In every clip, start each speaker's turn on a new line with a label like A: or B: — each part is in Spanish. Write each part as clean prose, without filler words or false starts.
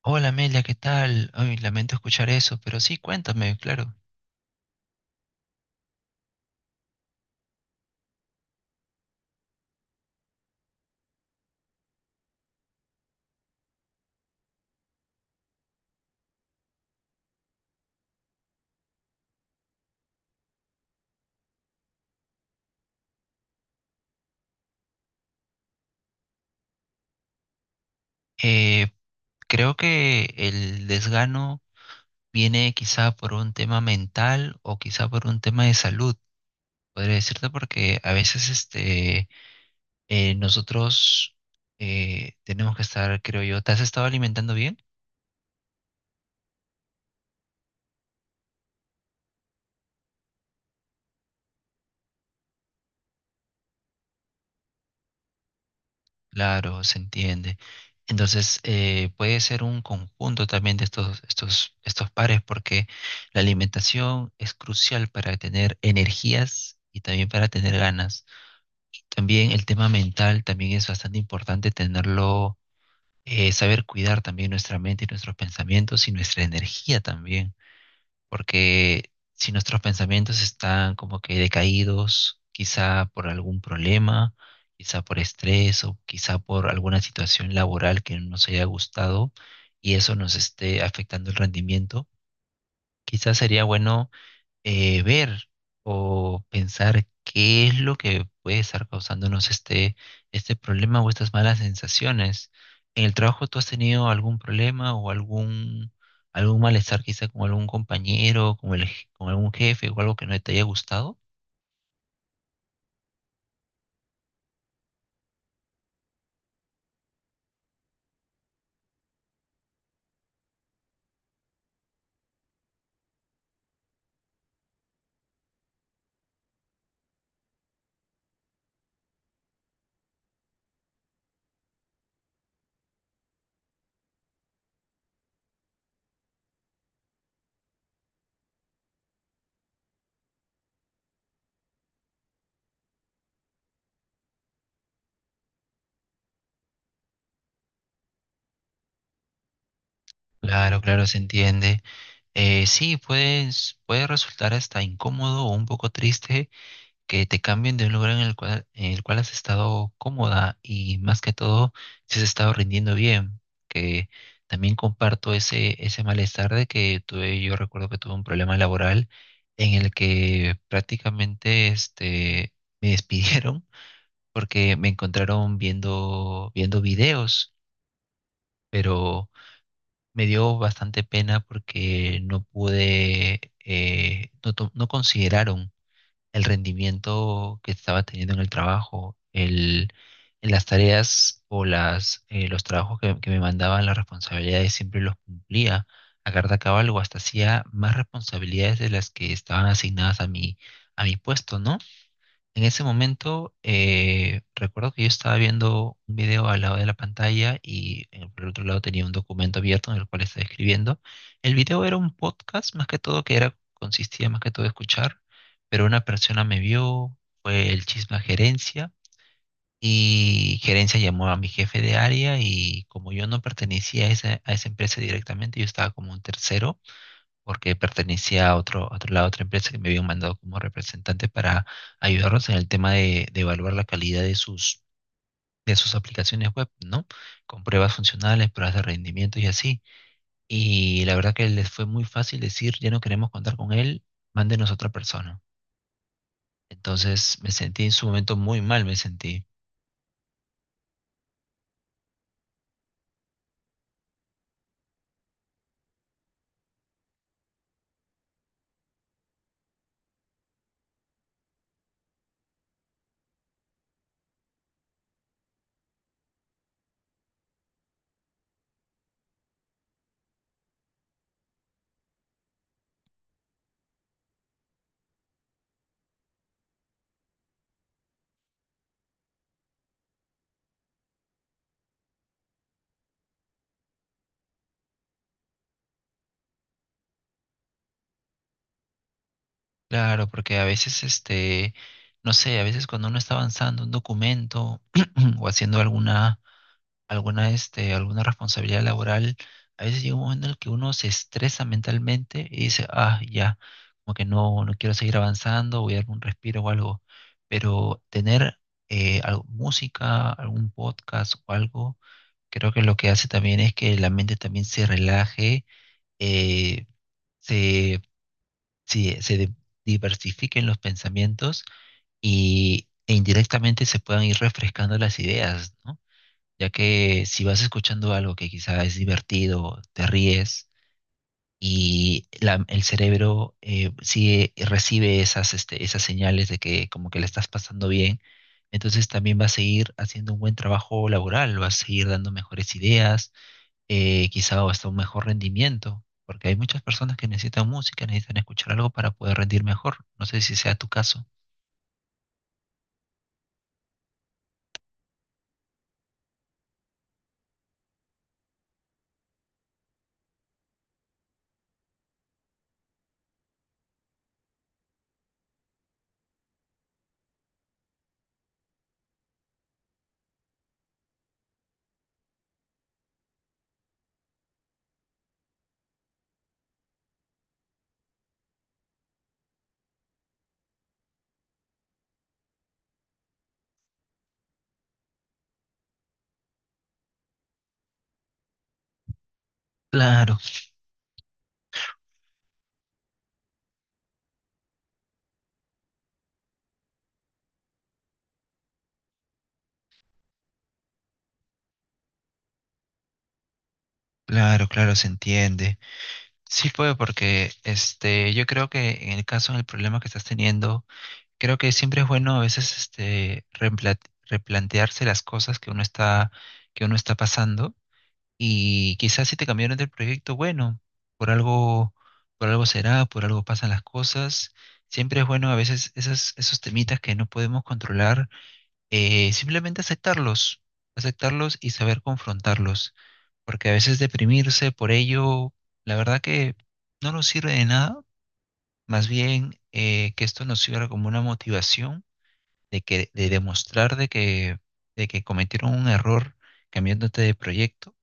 A: Hola Amelia, ¿qué tal? Ay, lamento escuchar eso, pero sí, cuéntame, claro. Eh, Creo que el desgano viene quizá por un tema mental o quizá por un tema de salud, podría decirte, porque a veces nosotros tenemos que estar, creo yo. ¿Te has estado alimentando bien? Claro, se entiende. Entonces, puede ser un conjunto también de estos pares, porque la alimentación es crucial para tener energías y también para tener ganas. También el tema mental también es bastante importante tenerlo, saber cuidar también nuestra mente y nuestros pensamientos y nuestra energía también, porque si nuestros pensamientos están como que decaídos, quizá por algún problema, quizá por estrés o quizá por alguna situación laboral que no nos haya gustado y eso nos esté afectando el rendimiento, quizá sería bueno ver o pensar qué es lo que puede estar causándonos este problema o estas malas sensaciones. ¿En el trabajo tú has tenido algún problema o algún malestar quizá con algún compañero, con con algún jefe o algo que no te haya gustado? Claro, claro, se entiende. Sí, puede resultar hasta incómodo o un poco triste que te cambien de un lugar en en el cual has estado cómoda, y más que todo si has estado rindiendo bien, que también comparto ese malestar de que tuve. Yo recuerdo que tuve un problema laboral en el que prácticamente me despidieron porque me encontraron viendo videos, pero me dio bastante pena porque no pude, no consideraron el rendimiento que estaba teniendo en el trabajo, en las tareas o los trabajos que me mandaban, las responsabilidades siempre los cumplía a carta cabal, o hasta hacía más responsabilidades de las que estaban asignadas a a mi puesto, ¿no? En ese momento, recuerdo que yo estaba viendo un video al lado de la pantalla y por el otro lado tenía un documento abierto en el cual estaba escribiendo. El video era un podcast, más que todo, que consistía más que todo de escuchar, pero una persona me vio, fue el chisme a gerencia y gerencia llamó a mi jefe de área, y como yo no pertenecía a a esa empresa directamente, yo estaba como un tercero porque pertenecía a la otra empresa que me habían mandado como representante para ayudarnos en el tema de evaluar la calidad de de sus aplicaciones web, ¿no? Con pruebas funcionales, pruebas de rendimiento y así. Y la verdad que les fue muy fácil decir, ya no queremos contar con él, mándenos otra persona. Entonces me sentí en su momento muy mal, me sentí. Claro, porque a veces no sé, a veces cuando uno está avanzando un documento o haciendo alguna, alguna responsabilidad laboral, a veces llega un momento en el que uno se estresa mentalmente y dice, ah, ya, como que no, no quiero seguir avanzando, voy a darme un respiro o algo. Pero tener música, algún podcast o algo, creo que lo que hace también es que la mente también se relaje, eh, se, se, se de- diversifiquen los pensamientos y, e indirectamente se puedan ir refrescando las ideas, ¿no? Ya que si vas escuchando algo que quizá es divertido, te ríes y el cerebro recibe esas señales de que como que la estás pasando bien, entonces también va a seguir haciendo un buen trabajo laboral, va a seguir dando mejores ideas, quizá hasta un mejor rendimiento, porque hay muchas personas que necesitan música, necesitan escuchar algo para poder rendir mejor. No sé si sea tu caso. Claro, claro, claro, se entiende. Sí puedo, porque yo creo que en el caso del problema que estás teniendo, creo que siempre es bueno a veces replantearse las cosas que que uno está pasando. Y quizás si te cambiaron del proyecto, bueno, por algo, por algo será, por algo pasan las cosas. Siempre es bueno a veces esos temitas que no podemos controlar simplemente aceptarlos, aceptarlos y saber confrontarlos, porque a veces deprimirse por ello, la verdad que no nos sirve de nada. Más bien que esto nos sirva como una motivación de que de demostrar de que cometieron un error cambiándote de proyecto,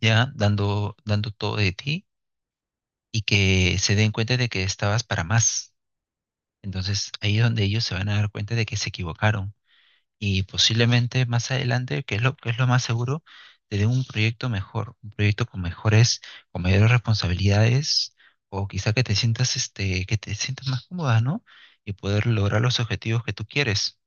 A: ya dando todo de ti, y que se den cuenta de que estabas para más. Entonces ahí es donde ellos se van a dar cuenta de que se equivocaron, y posiblemente más adelante, que es lo más seguro, te dé un proyecto mejor, un proyecto con con mayores responsabilidades, o quizá que te sientas, que te sientas más cómoda, ¿no? Y poder lograr los objetivos que tú quieres.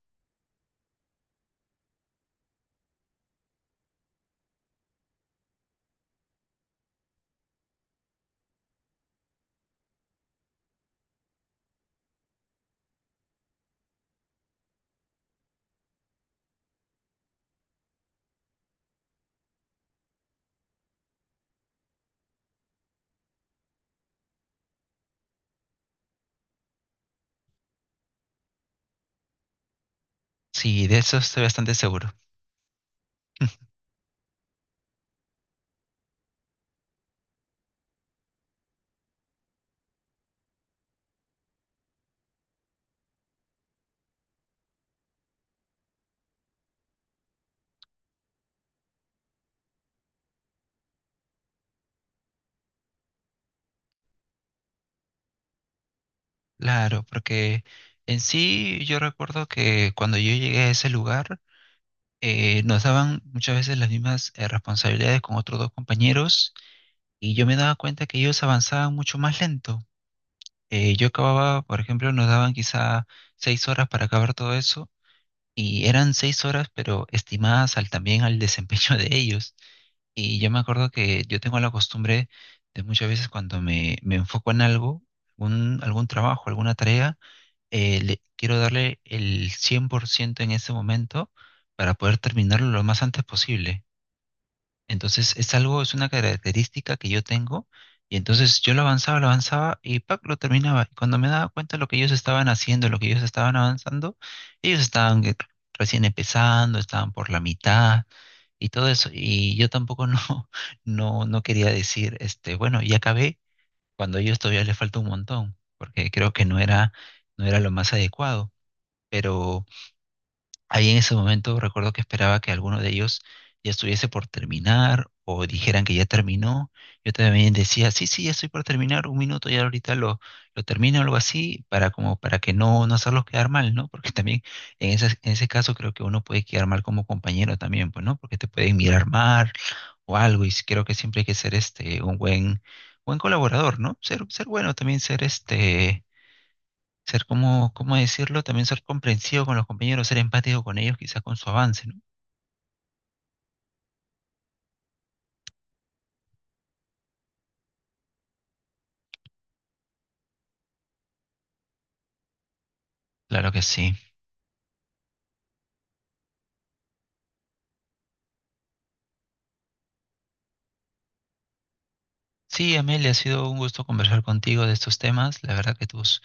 A: Sí, de eso estoy bastante seguro. Claro, porque en sí yo recuerdo que cuando yo llegué a ese lugar, nos daban muchas veces las mismas responsabilidades con otros dos compañeros, y yo me daba cuenta que ellos avanzaban mucho más lento. Yo acababa, por ejemplo, nos daban quizá seis horas para acabar todo eso, y eran seis horas, pero estimadas también al desempeño de ellos. Y yo me acuerdo que yo tengo la costumbre de muchas veces cuando me enfoco en algo, algún trabajo, alguna tarea, quiero darle el 100% en ese momento para poder terminarlo lo más antes posible. Entonces es algo, es una característica que yo tengo, y entonces yo lo avanzaba, lo avanzaba, y ¡pac! Lo terminaba. Y cuando me daba cuenta de lo que ellos estaban haciendo, lo que ellos estaban avanzando, ellos estaban recién empezando, estaban por la mitad y todo eso. Y yo tampoco no, no quería decir, bueno, ya acabé cuando a ellos todavía les falta un montón, porque creo que no era lo más adecuado. Pero ahí en ese momento recuerdo que esperaba que alguno de ellos ya estuviese por terminar o dijeran que ya terminó. Yo también decía, sí, sí, ya estoy por terminar, un minuto ya ahorita lo termino, algo así, para como para que no, no hacerlos quedar mal, ¿no? Porque también en ese caso creo que uno puede quedar mal como compañero también, pues, ¿no? Porque te pueden mirar mal o algo, y creo que siempre hay que ser un buen colaborador, ¿no? Ser bueno también, ser ser como, ¿cómo decirlo? También ser comprensivo con los compañeros, ser empático con ellos, quizás con su avance, ¿no? Claro que sí. Sí, Amelia, ha sido un gusto conversar contigo de estos temas. La verdad que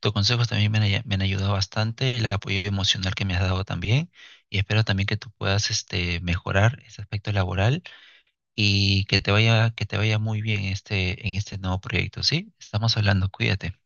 A: tus consejos también me han, me han ayudado bastante, el apoyo emocional que me has dado también, y espero también que tú puedas mejorar ese aspecto laboral, y que te que te vaya muy bien en este nuevo proyecto, ¿sí? Estamos hablando, cuídate.